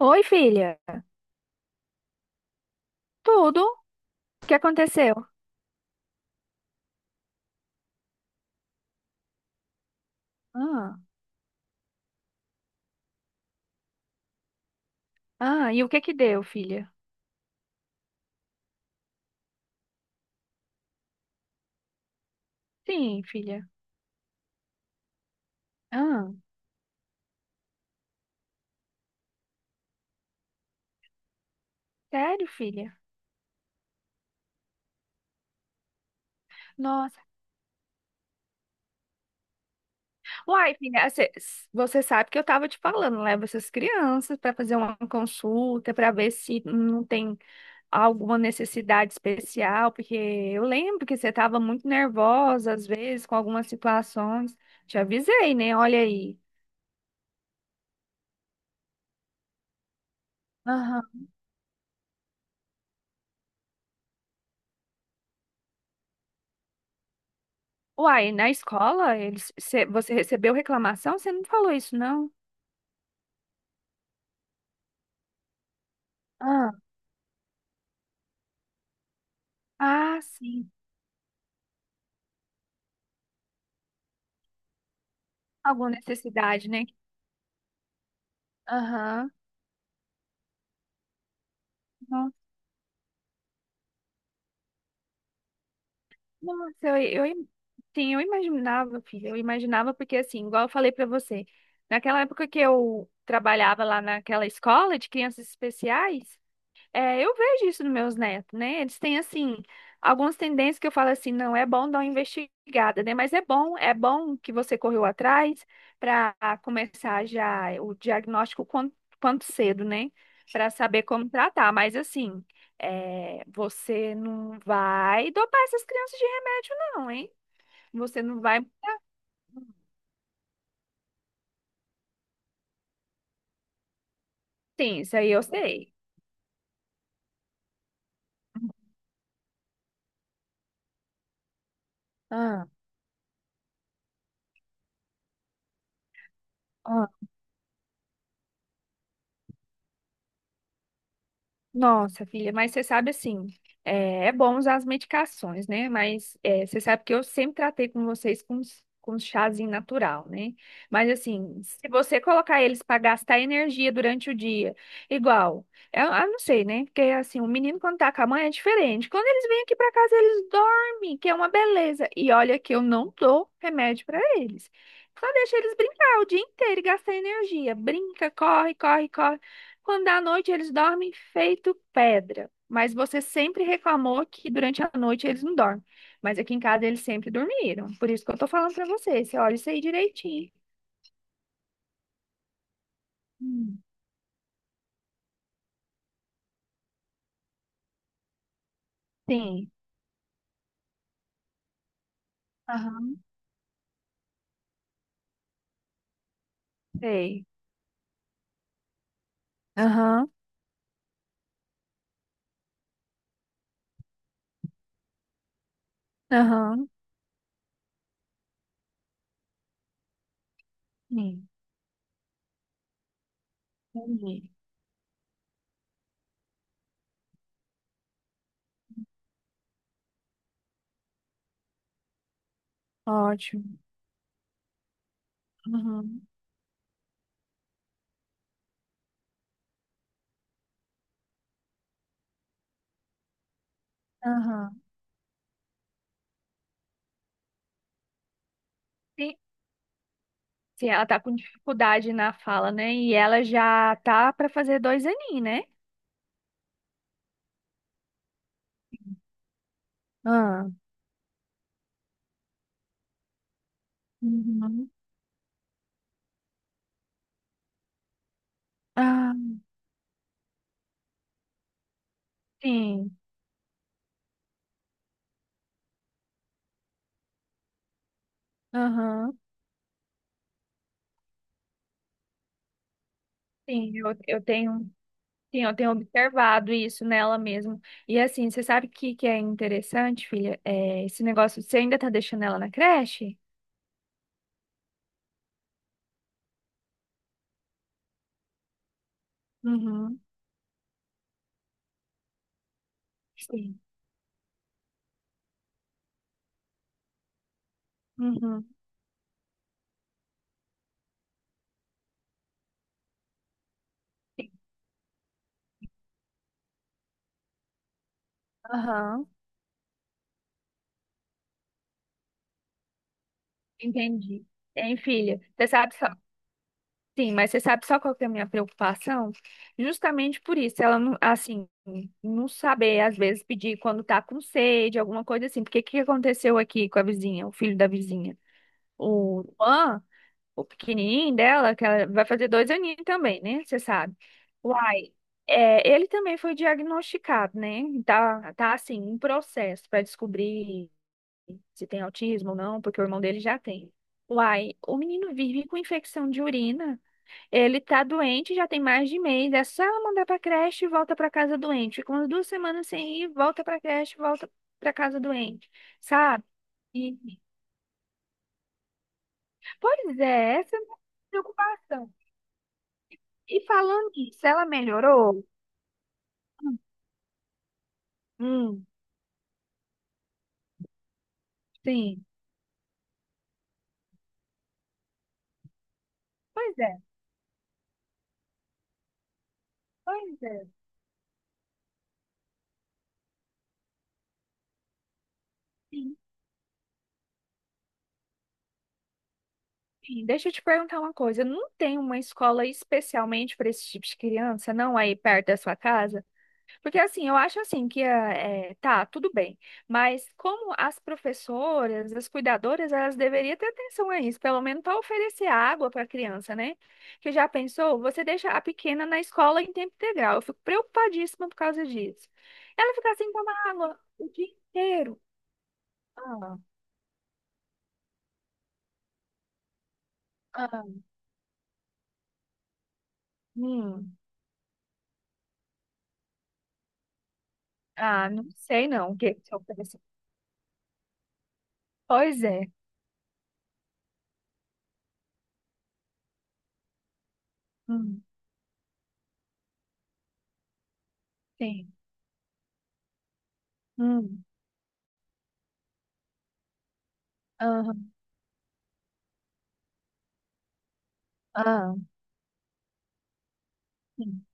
Oi, filha. Tudo? O que aconteceu? Ah, e o que que deu, filha? Sim, filha. Ah, sério, filha? Nossa. Uai, filha, você sabe que eu tava te falando, leva essas crianças para fazer uma consulta, para ver se não tem alguma necessidade especial, porque eu lembro que você tava muito nervosa às vezes com algumas situações. Te avisei, né? Olha aí. Aham. Uai, na escola, eles, você recebeu reclamação? Você não falou isso, não? Ah, ah, sim. Alguma necessidade, né? Aham. Nossa, nossa, eu, eu, sim, eu imaginava, filha, eu imaginava porque, assim, igual eu falei pra você, naquela época que eu trabalhava lá naquela escola de crianças especiais, é, eu vejo isso nos meus netos, né? Eles têm, assim, algumas tendências que eu falo assim, não é bom dar uma investigada, né? Mas é bom que você correu atrás para começar já o diagnóstico quanto, quanto cedo, né? Para saber como tratar. Mas, assim, é, você não vai dopar essas crianças de remédio, não, hein? Você não vai. Sim, isso aí eu sei. Ah. Nossa, filha, mas você sabe assim, é, é bom usar as medicações, né? Mas é, você sabe que eu sempre tratei com vocês com, com chazinho natural, né? Mas assim, se você colocar eles para gastar energia durante o dia, igual, é, eu não sei, né? Porque assim, o menino quando tá com a mãe é diferente. Quando eles vêm aqui para casa, eles dormem, que é uma beleza. E olha que eu não dou remédio para eles. Só deixa eles brincar o dia inteiro e gastar energia. Brinca, corre, corre, corre. Quando dá noite, eles dormem feito pedra. Mas você sempre reclamou que durante a noite eles não dormem. Mas aqui em casa eles sempre dormiram. Por isso que eu tô falando pra você. Você olha isso aí direitinho. Hum. Sim, aham. Sei. Aham, aham. Sim, entendi. Ótimo. Aham. Aham. Sim, sim, ela tá com dificuldade na fala, né? E ela já tá pra fazer dois aninhos, né? Ah, uhum. Ah, sim. Aham, sim. Eu tenho. Sim, eu tenho observado isso nela mesmo. E assim, você sabe o que, que é interessante, filha? É, esse negócio, você ainda tá deixando ela na creche? Uhum. Sim. Uhum. Sim. Aham. Entendi. Hein, filha? Você sabe só. Sim, mas você sabe só qual que é a minha preocupação? Justamente por isso, ela não, assim, não saber, às vezes, pedir quando tá com sede, alguma coisa assim. Porque o que aconteceu aqui com a vizinha, o filho da vizinha? O Juan, o pequenininho dela, que ela vai fazer dois aninhos também, né? Você sabe. Uai, é, ele também foi diagnosticado, né? Tá, tá assim, em processo para descobrir se tem autismo ou não, porque o irmão dele já tem. Uai, o menino vive com infecção de urina. Ele tá doente, já tem mais de mês. É só ela mandar pra creche e volta pra casa doente. Fica umas duas semanas sem ir, volta pra creche, volta pra casa doente, sabe? E- Pois é, essa é a minha preocupação. E falando nisso, ela melhorou? Hum, hum, sim. Pois é, pois é. Sim, sim. Deixa eu te perguntar uma coisa. Não tem uma escola especialmente para esse tipo de criança, não, aí perto da sua casa? Porque assim, eu acho assim que é, é, tá, tudo bem, mas como as professoras, as cuidadoras, elas deveriam ter atenção a isso, pelo menos para oferecer água para a criança, né? Que já pensou, você deixa a pequena na escola em tempo integral. Eu fico preocupadíssima por causa disso. Ela fica sem tomar água o dia inteiro. Ah, ah, hum, ah, não sei não o que que você oferece. Pois é. Hum, sim. Hum, aham, ah, sim.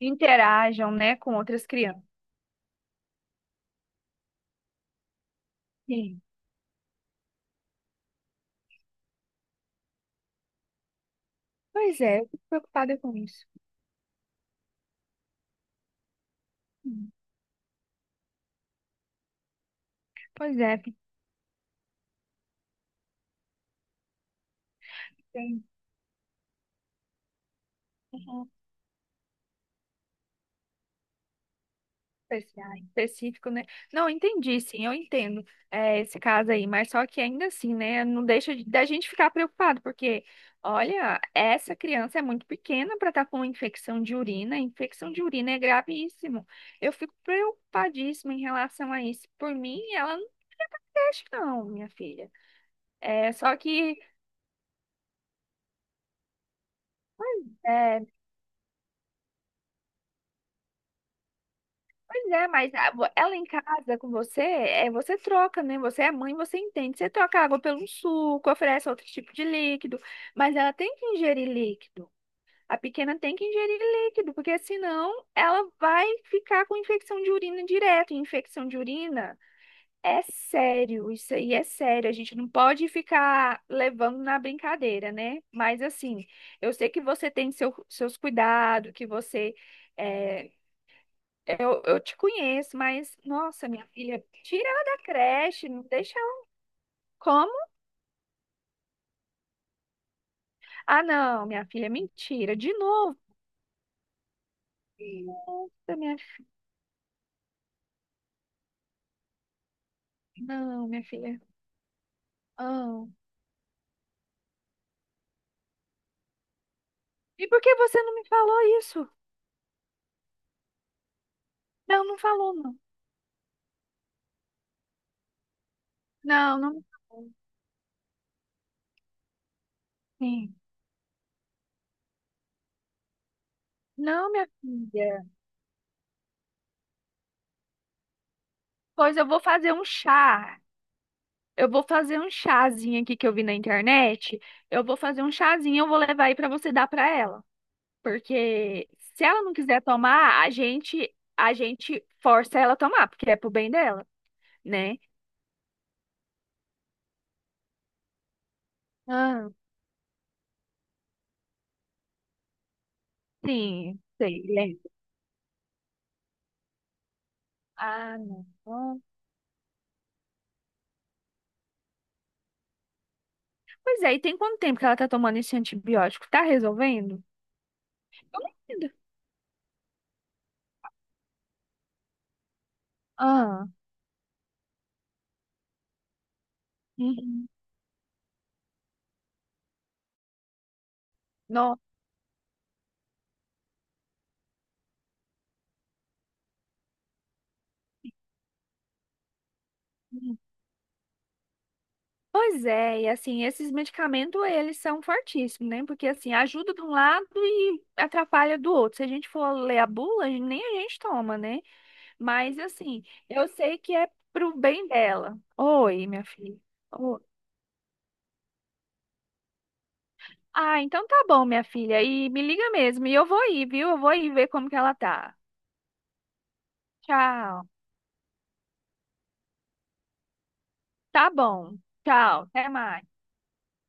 Interajam, né, com outras crianças. Sim. Pois é, eu fico preocupada com isso. Hum. Pois é, tem um especial, específico, né? Não, entendi, sim, eu entendo é, esse caso aí, mas só que ainda assim, né? Não deixa de- Da gente ficar preocupado, porque, olha, essa criança é muito pequena para estar com infecção de urina é gravíssimo. Eu fico preocupadíssima em relação a isso. Por mim, ela não deixa, não, minha filha. É, só que. É. Pois é, mas ela em casa com você, é, você troca, né? Você é mãe, você entende. Você troca água pelo suco, oferece outro tipo de líquido, mas ela tem que ingerir líquido. A pequena tem que ingerir líquido, porque senão ela vai ficar com infecção de urina direto. E infecção de urina é sério, isso aí é sério. A gente não pode ficar levando na brincadeira, né? Mas assim, eu sei que você tem seu, seus cuidados, que você. Eh, eu te conheço, mas, nossa, minha filha, tira ela da creche, não deixa ela. Como? Ah, não, minha filha, mentira, de novo. Nossa, minha filha, não, minha filha, não. E por que você não me falou isso? Não, não falou, não. Não, não me falou. Sim. Não, minha filha. Pois eu vou fazer um chá. Eu vou fazer um chazinho aqui que eu vi na internet. Eu vou fazer um chazinho, eu vou levar aí pra você dar pra ela. Porque se ela não quiser tomar, a gente força ela a tomar, porque é pro bem dela, né? Ah, sim, sei, lembro. Ah, não. Bom. Pois é, e tem quanto tempo que ela tá tomando esse antibiótico? Tá resolvendo? Tô lendo. Ah, uhum. Nossa. Pois é, e assim, esses medicamentos, eles são fortíssimos, né? Porque assim, ajuda de um lado e atrapalha do outro. Se a gente for ler a bula, nem a gente toma, né? Mas assim, eu sei que é pro bem dela. Oi, minha filha. Oi. Ah, então tá bom, minha filha. E me liga mesmo. E eu vou ir, viu? Eu vou ir ver como que ela tá. Tchau. Tá bom. Tchau. Até mais.